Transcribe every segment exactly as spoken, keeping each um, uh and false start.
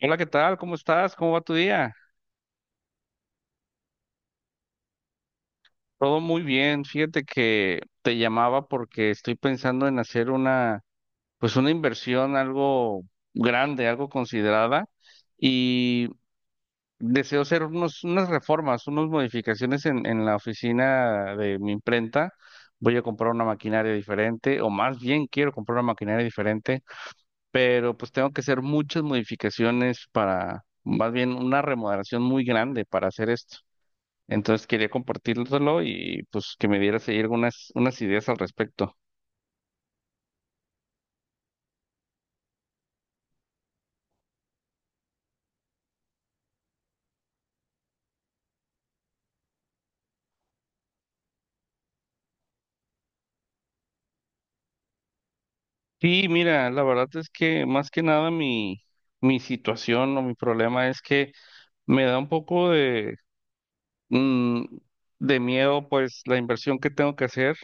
Hola, ¿qué tal? ¿Cómo estás? ¿Cómo va tu día? Todo muy bien. Fíjate que te llamaba porque estoy pensando en hacer una, pues una inversión algo grande, algo considerada y deseo hacer unos, unas reformas, unas modificaciones en, en la oficina de mi imprenta. Voy a comprar una maquinaria diferente, o más bien quiero comprar una maquinaria diferente, pero pues tengo que hacer muchas modificaciones para, más bien una remodelación muy grande para hacer esto. Entonces quería compartirlo y pues que me dieras ahí algunas unas ideas al respecto. Sí, mira, la verdad es que más que nada mi, mi situación o mi problema es que me da un poco Mm, de miedo, pues la inversión que tengo que hacer.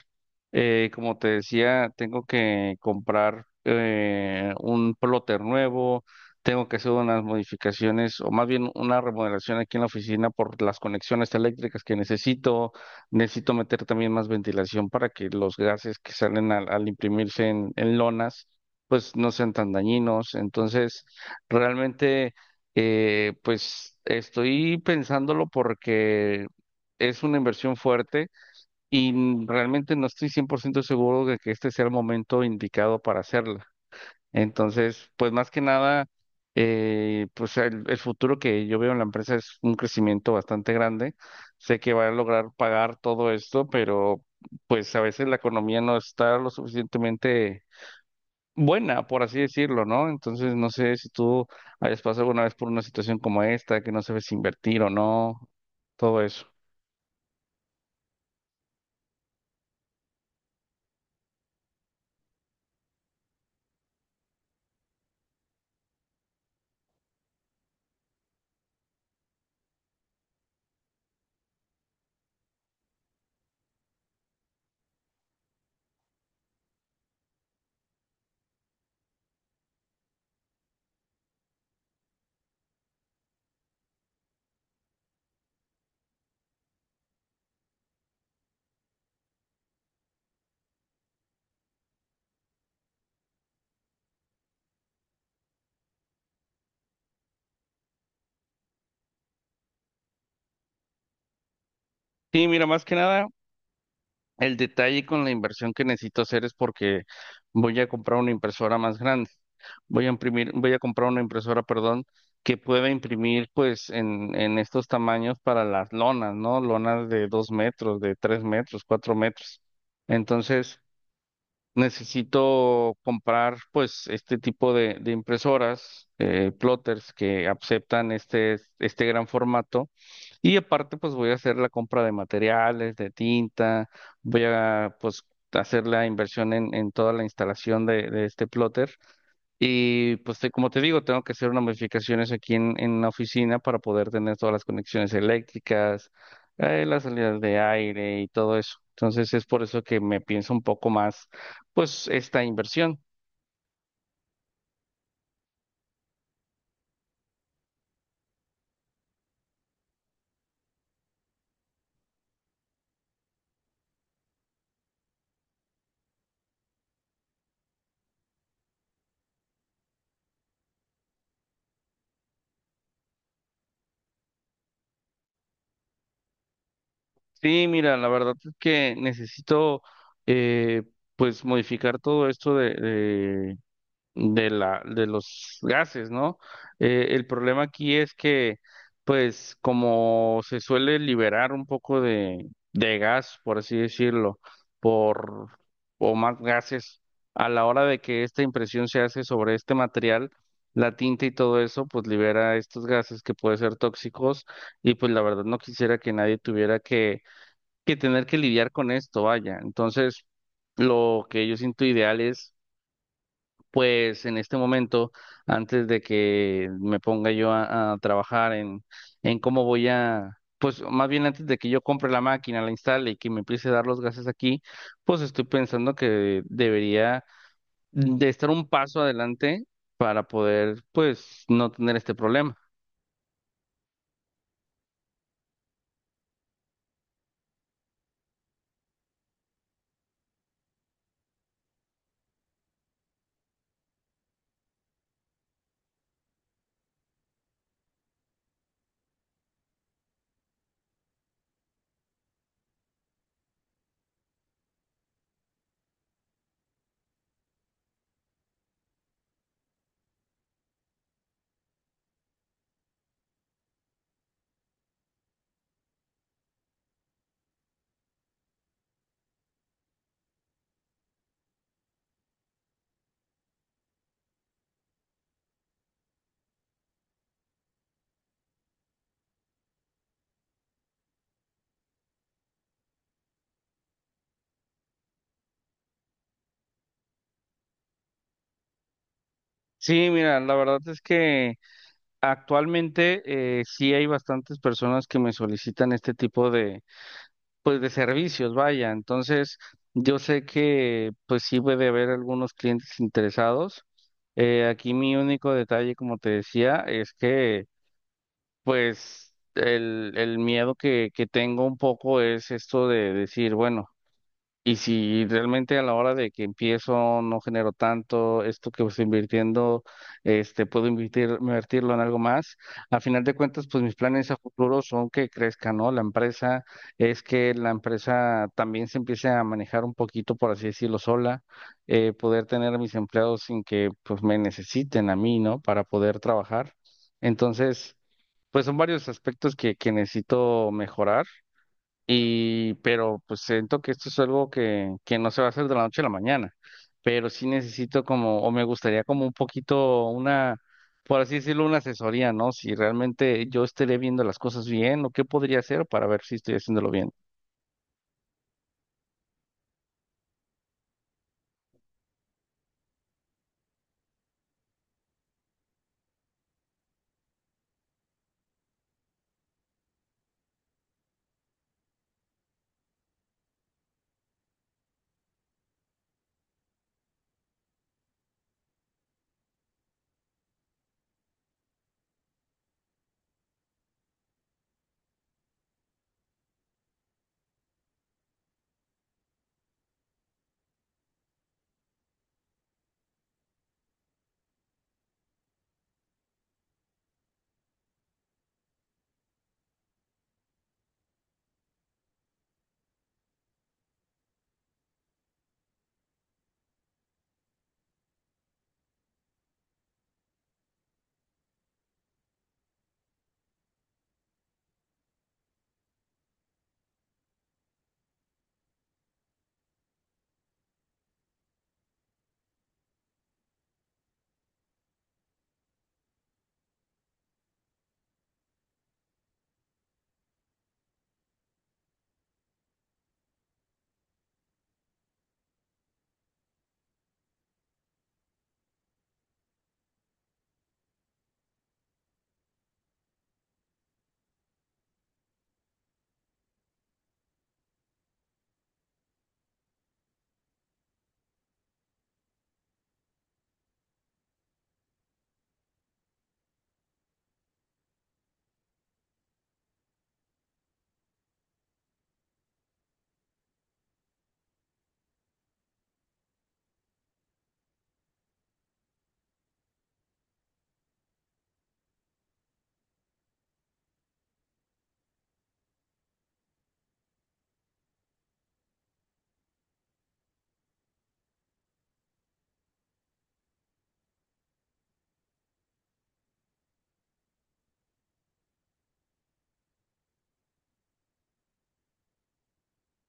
eh, Como te decía, tengo que comprar eh, un plotter nuevo, tengo que hacer unas modificaciones o más bien una remodelación aquí en la oficina por las conexiones eléctricas que necesito. Necesito meter también más ventilación para que los gases que salen al, al imprimirse en, en lonas pues no sean tan dañinos. Entonces, realmente... Eh, pues estoy pensándolo porque es una inversión fuerte y n- realmente no estoy cien por ciento seguro de que este sea el momento indicado para hacerla. Entonces, pues más que nada, eh, pues el, el futuro que yo veo en la empresa es un crecimiento bastante grande. Sé que va a lograr pagar todo esto, pero pues a veces la economía no está lo suficientemente buena, por así decirlo, ¿no? Entonces, no sé si tú hayas pasado alguna vez por una situación como esta, que no sabes si invertir o no, todo eso. Sí, mira, más que nada, el detalle con la inversión que necesito hacer es porque voy a comprar una impresora más grande. Voy a imprimir, voy a comprar una impresora, perdón, que pueda imprimir pues en, en estos tamaños para las lonas, ¿no? Lonas de dos metros, de tres metros, cuatro metros. Entonces, necesito comprar pues este tipo de, de impresoras, eh, plotters que aceptan este, este gran formato, y aparte pues voy a hacer la compra de materiales, de tinta. Voy a pues hacer la inversión en, en toda la instalación de, de este plotter y pues te- como te digo, tengo que hacer unas modificaciones aquí en, en la oficina para poder tener todas las conexiones eléctricas, eh, las salidas de aire y todo eso. Entonces es por eso que me pienso un poco más, pues, esta inversión. Sí, mira, la verdad es que necesito, eh, pues, modificar todo esto de de la, de los gases, ¿no? Eh, el problema aquí es que, pues, como se suele liberar un poco de, de gas, por así decirlo, por, o más gases, a la hora de que esta impresión se hace sobre este material, la tinta y todo eso, pues libera estos gases que pueden ser tóxicos, y pues la verdad no quisiera que nadie tuviera que, que tener que lidiar con esto, vaya. Entonces, lo que yo siento ideal es pues en este momento, antes de que me ponga yo a, a trabajar en, en cómo voy a, pues más bien antes de que yo compre la máquina, la instale y que me empiece a dar los gases aquí, pues estoy pensando que debería de estar un paso adelante para poder, pues, no tener este problema. Sí, mira, la verdad es que actualmente eh, sí hay bastantes personas que me solicitan este tipo de pues de servicios, vaya. Entonces, yo sé que pues sí puede haber algunos clientes interesados. Eh, aquí mi único detalle, como te decía, es que pues el, el miedo que, que tengo un poco es esto de decir, bueno, y si realmente a la hora de que empiezo no genero tanto, esto que estoy invirtiendo, este, puedo invertir, invertirlo en algo más. A final de cuentas, pues mis planes a futuro son que crezca, ¿no? La empresa es que la empresa también se empiece a manejar un poquito, por así decirlo, sola. Eh, poder tener a mis empleados sin que pues me necesiten a mí, ¿no? Para poder trabajar. Entonces, pues son varios aspectos que, que necesito mejorar. Y pero pues siento que esto es algo que, que no se va a hacer de la noche a la mañana, pero sí necesito como, o me gustaría como un poquito una, por así decirlo, una asesoría, ¿no? Si realmente yo estaré viendo las cosas bien o qué podría hacer para ver si estoy haciéndolo bien.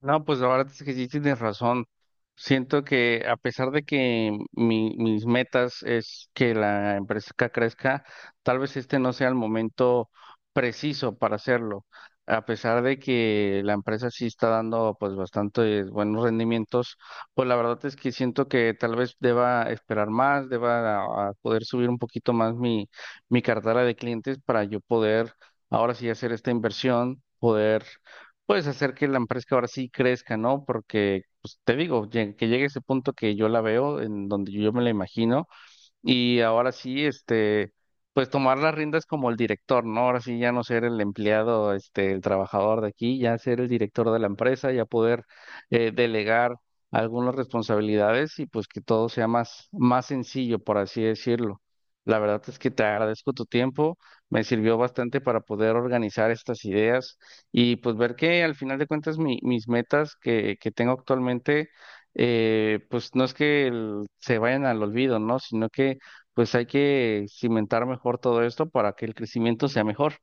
No, pues la verdad es que sí tienes razón. Siento que a pesar de que mi- mis metas es que la empresa crezca, tal vez este no sea el momento preciso para hacerlo. A pesar de que la empresa sí está dando pues bastantes buenos rendimientos, pues la verdad es que siento que tal vez deba esperar más, deba a- a poder subir un poquito más mi, mi cartera de clientes para yo poder ahora sí hacer esta inversión, poder puedes hacer que la empresa ahora sí crezca, ¿no? Porque, pues te digo, lleg- que llegue ese punto que yo la veo, en donde yo me la imagino. Y ahora sí, este, pues tomar las riendas como el director, ¿no? Ahora sí ya no ser el empleado, este, el trabajador de aquí, ya ser el director de la empresa, ya poder eh, delegar algunas responsabilidades y pues que todo sea más, más sencillo, por así decirlo. La verdad es que te agradezco tu tiempo, me sirvió bastante para poder organizar estas ideas y pues ver que al final de cuentas mi- mis metas que, que tengo actualmente eh, pues no es que el- se vayan al olvido, ¿no? Sino que pues hay que cimentar mejor todo esto para que el crecimiento sea mejor.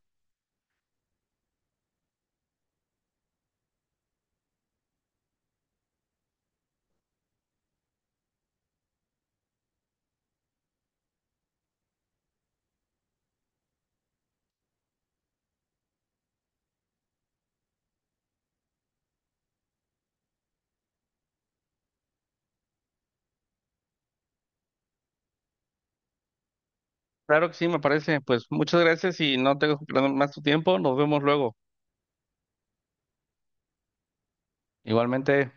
Claro que sí, me parece. Pues muchas gracias y no tengo más tu tiempo. Nos vemos luego. Igualmente.